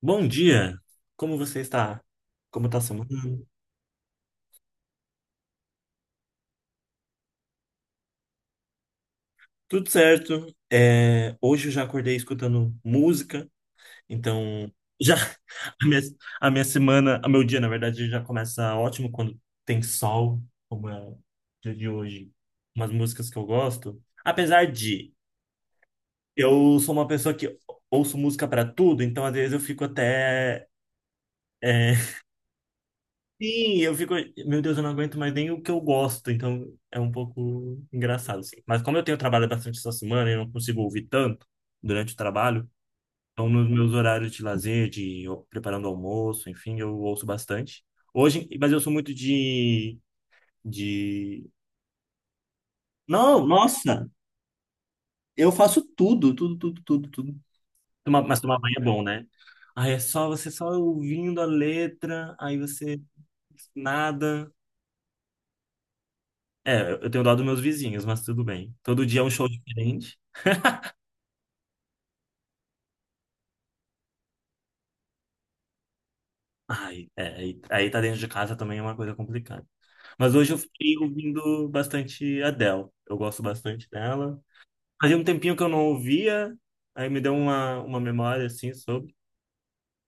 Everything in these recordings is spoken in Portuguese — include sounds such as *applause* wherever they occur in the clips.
Bom dia, como você está? Como está a semana? Tudo certo. É, hoje eu já acordei escutando música, então já *laughs* a minha, a minha semana, o meu dia, na verdade, já começa ótimo quando tem sol, como é o dia de hoje. Umas músicas que eu gosto. Apesar de eu sou uma pessoa que ouço música para tudo, então às vezes eu fico até é, Sim, eu fico, meu Deus, eu não aguento mais nem o que eu gosto, então é um pouco engraçado, assim. Mas como eu tenho trabalho bastante essa semana e eu não consigo ouvir tanto durante o trabalho, então nos meus horários de lazer, de preparando almoço, enfim, eu ouço bastante. Hoje, mas eu sou muito de, de. Não, nossa, eu faço tudo, tudo, tudo, tudo, tudo. Mas tomar banho é bom, né? Aí é só você só ouvindo a letra, aí você nada. É, eu tenho dó dos meus vizinhos, mas tudo bem. Todo dia é um show diferente. Ai, aí tá dentro de casa também é uma coisa complicada. Mas hoje eu fiquei ouvindo bastante Adele. Eu gosto bastante dela. Fazia um tempinho que eu não ouvia, aí me deu uma memória assim sobre.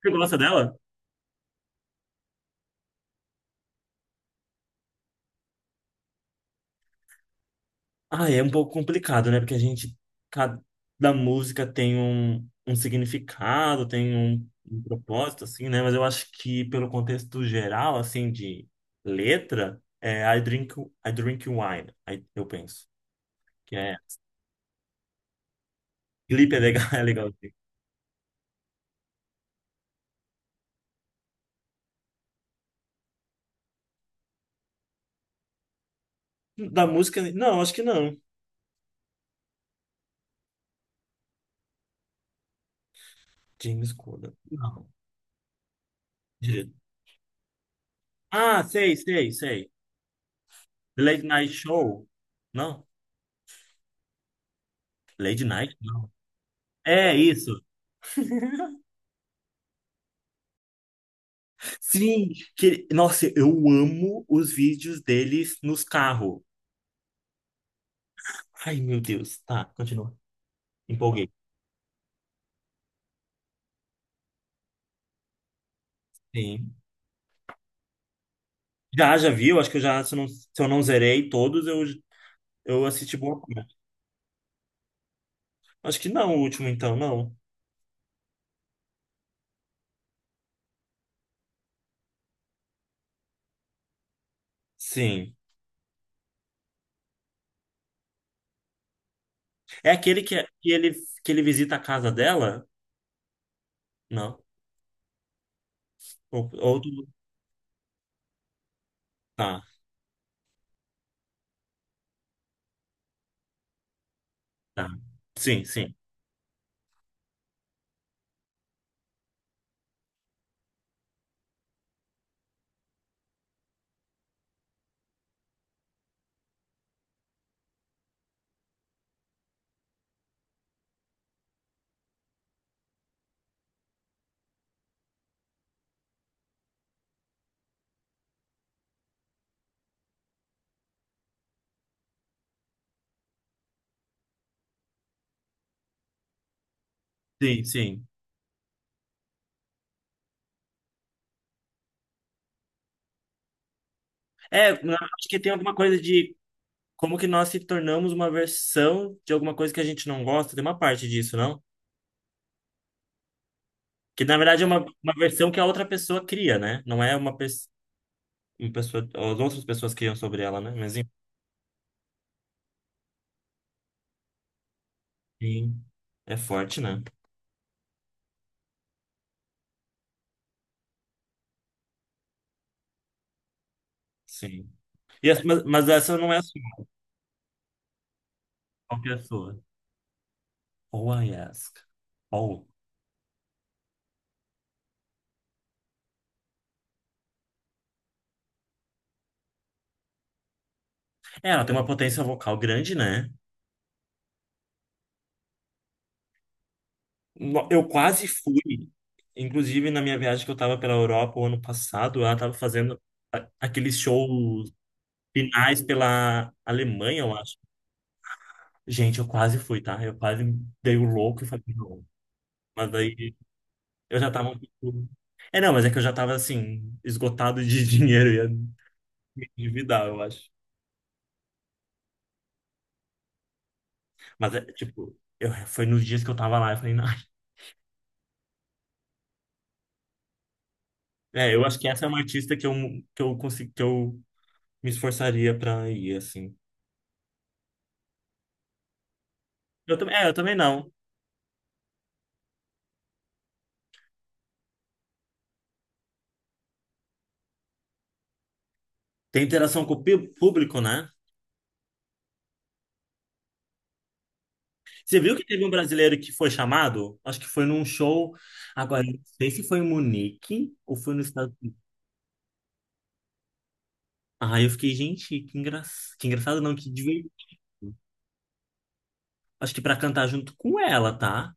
Você gosta dela? Ah, é um pouco complicado, né? Porque a gente, cada música tem um significado, tem um propósito, assim, né? Mas eu acho que pelo contexto geral, assim, de letra, é I drink wine, aí eu penso. Que é, clipe é legal, *laughs* é legal, assim. Da música, não, acho que não. James Corden, não. Direito. Ah, sei, sei, sei. Late Night Show, não. Late Night, não. É isso. Sim, que nossa, eu amo os vídeos deles nos carros. Ai, meu Deus. Tá, continua. Empolguei. Sim. Já, já viu? Acho que eu já, se eu não zerei todos, eu assisti boa parte. Acho que não, o último então, não. Sim. É aquele que, que ele visita a casa dela? Não. Outro. Tá, tá. Sim, sim. Sim, sim. É, acho que tem alguma coisa de como que nós se tornamos uma versão de alguma coisa que a gente não gosta. Tem uma parte disso, não? Que na verdade é uma versão que a outra pessoa cria, né? Não é uma pessoa. As outras pessoas criam sobre ela, né? Mas enfim, é forte, né? Sim. E mas essa não é a sua, qualquer sua. Oh, I ask. Oh. É, ela tem uma potência vocal grande, né? Eu quase fui. Inclusive, na minha viagem que eu tava pela Europa o ano passado, ela tava fazendo aqueles shows finais pela Alemanha, eu acho. Gente, eu quase fui, tá? Eu quase dei o louco e falei, não. Mas aí eu já tava, tipo, é, não, mas é que eu já tava assim, esgotado de *laughs* dinheiro, ia me endividar, eu acho. Mas é, tipo, foi nos dias que eu tava lá, eu falei, "Ai". É, eu acho que essa é uma artista que eu, que eu me esforçaria pra ir, assim. Eu também, eu também não. Tem interação com o público, né? Você viu que teve um brasileiro que foi chamado? Acho que foi num show. Agora, eu não sei se foi em Munique ou foi no estado. Ah, eu fiquei, gente, que engraçado. Que engraçado, não, que divertido. Acho que pra cantar junto com ela, tá?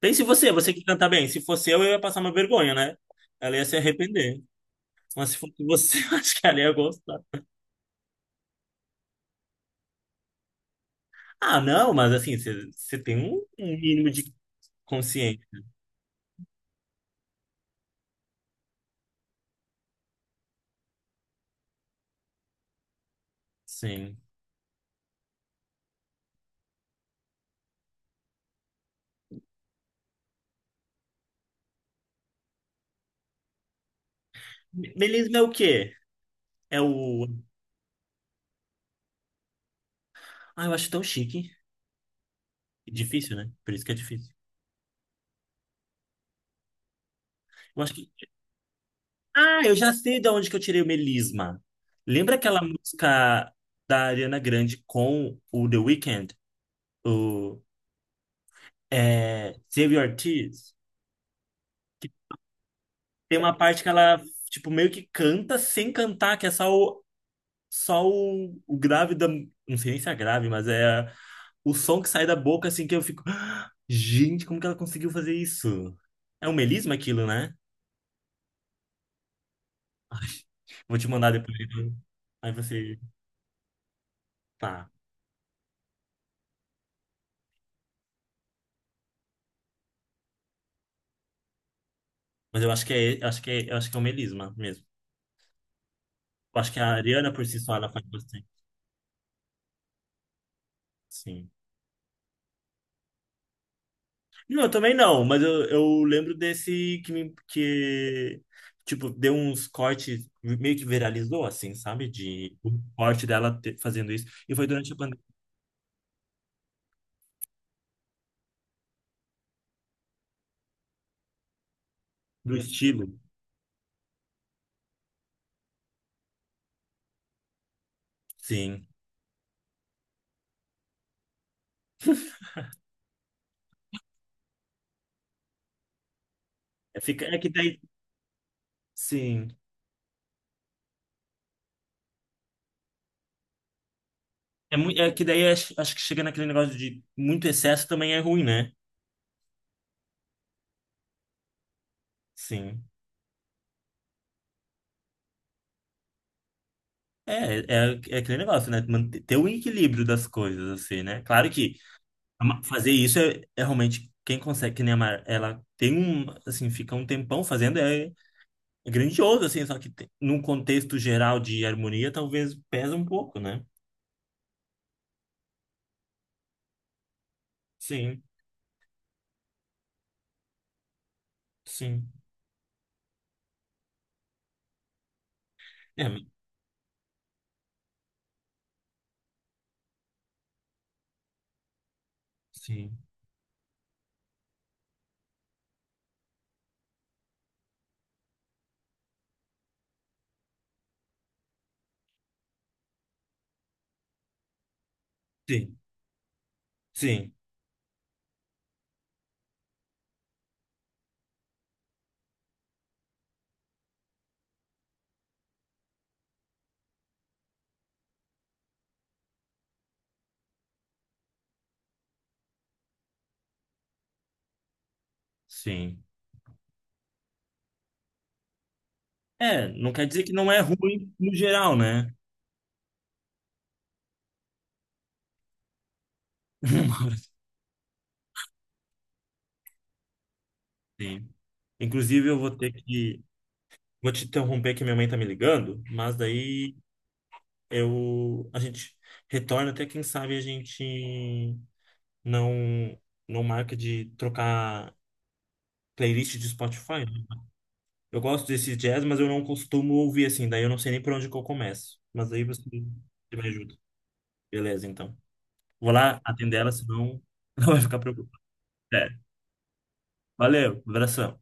Pense você, você que canta bem. Se fosse eu ia passar uma vergonha, né? Ela ia se arrepender. Mas se fosse você, *laughs* eu acho que ela ia gostar. Ah, não, mas assim, você tem um mínimo de consciência. Sim. Melisma é o quê? É o. Ah, eu acho tão chique. Difícil, né? Por isso que é difícil. Eu acho que. Ah, eu já sei de onde que eu tirei o melisma. Lembra aquela música da Ariana Grande com o The Weeknd? O. É... Save Your Tears? Tem uma parte que ela, tipo, meio que canta sem cantar, que é o grave da. Não sei nem se é grave, mas é o som que sai da boca, assim, que eu fico. *gasps* "Ah, gente, como que ela conseguiu fazer isso? É um melisma aquilo, né? Vou te mandar depois, então. Aí você. Tá. Mas eu acho que é um melisma mesmo. Eu acho que a Ariana por si só ela faz bastante. Sim. Não, eu também não, mas eu lembro desse que tipo, deu uns cortes, meio que viralizou, assim, sabe? De o corte dela fazendo isso. E foi durante a pandemia do estilo, sim. É, fica, é que daí, sim. É, é que daí acho que chega naquele negócio de muito excesso também é ruim, né? Sim. É, é, é aquele negócio, né? Manter, ter o equilíbrio das coisas, assim, né? Claro que fazer isso é, realmente quem consegue, que nem a Mar, ela tem um, assim, fica um tempão fazendo, é grandioso, assim, só que num contexto geral de harmonia, talvez pesa um pouco, né? Sim, sim. É, sim, sim, sim, sim. É, não quer dizer que não é ruim no geral, né? *laughs* Sim. Inclusive, eu vou ter que, vou te interromper que minha mãe tá me ligando, mas daí a gente retorna até quem sabe a gente não não marca de trocar playlist de Spotify, né? Eu gosto desse jazz, mas eu não costumo ouvir assim, daí eu não sei nem por onde que eu começo. Mas aí você me ajuda. Beleza, então. Vou lá atender ela, senão *laughs* ela vai ficar preocupada. É. Valeu, abração.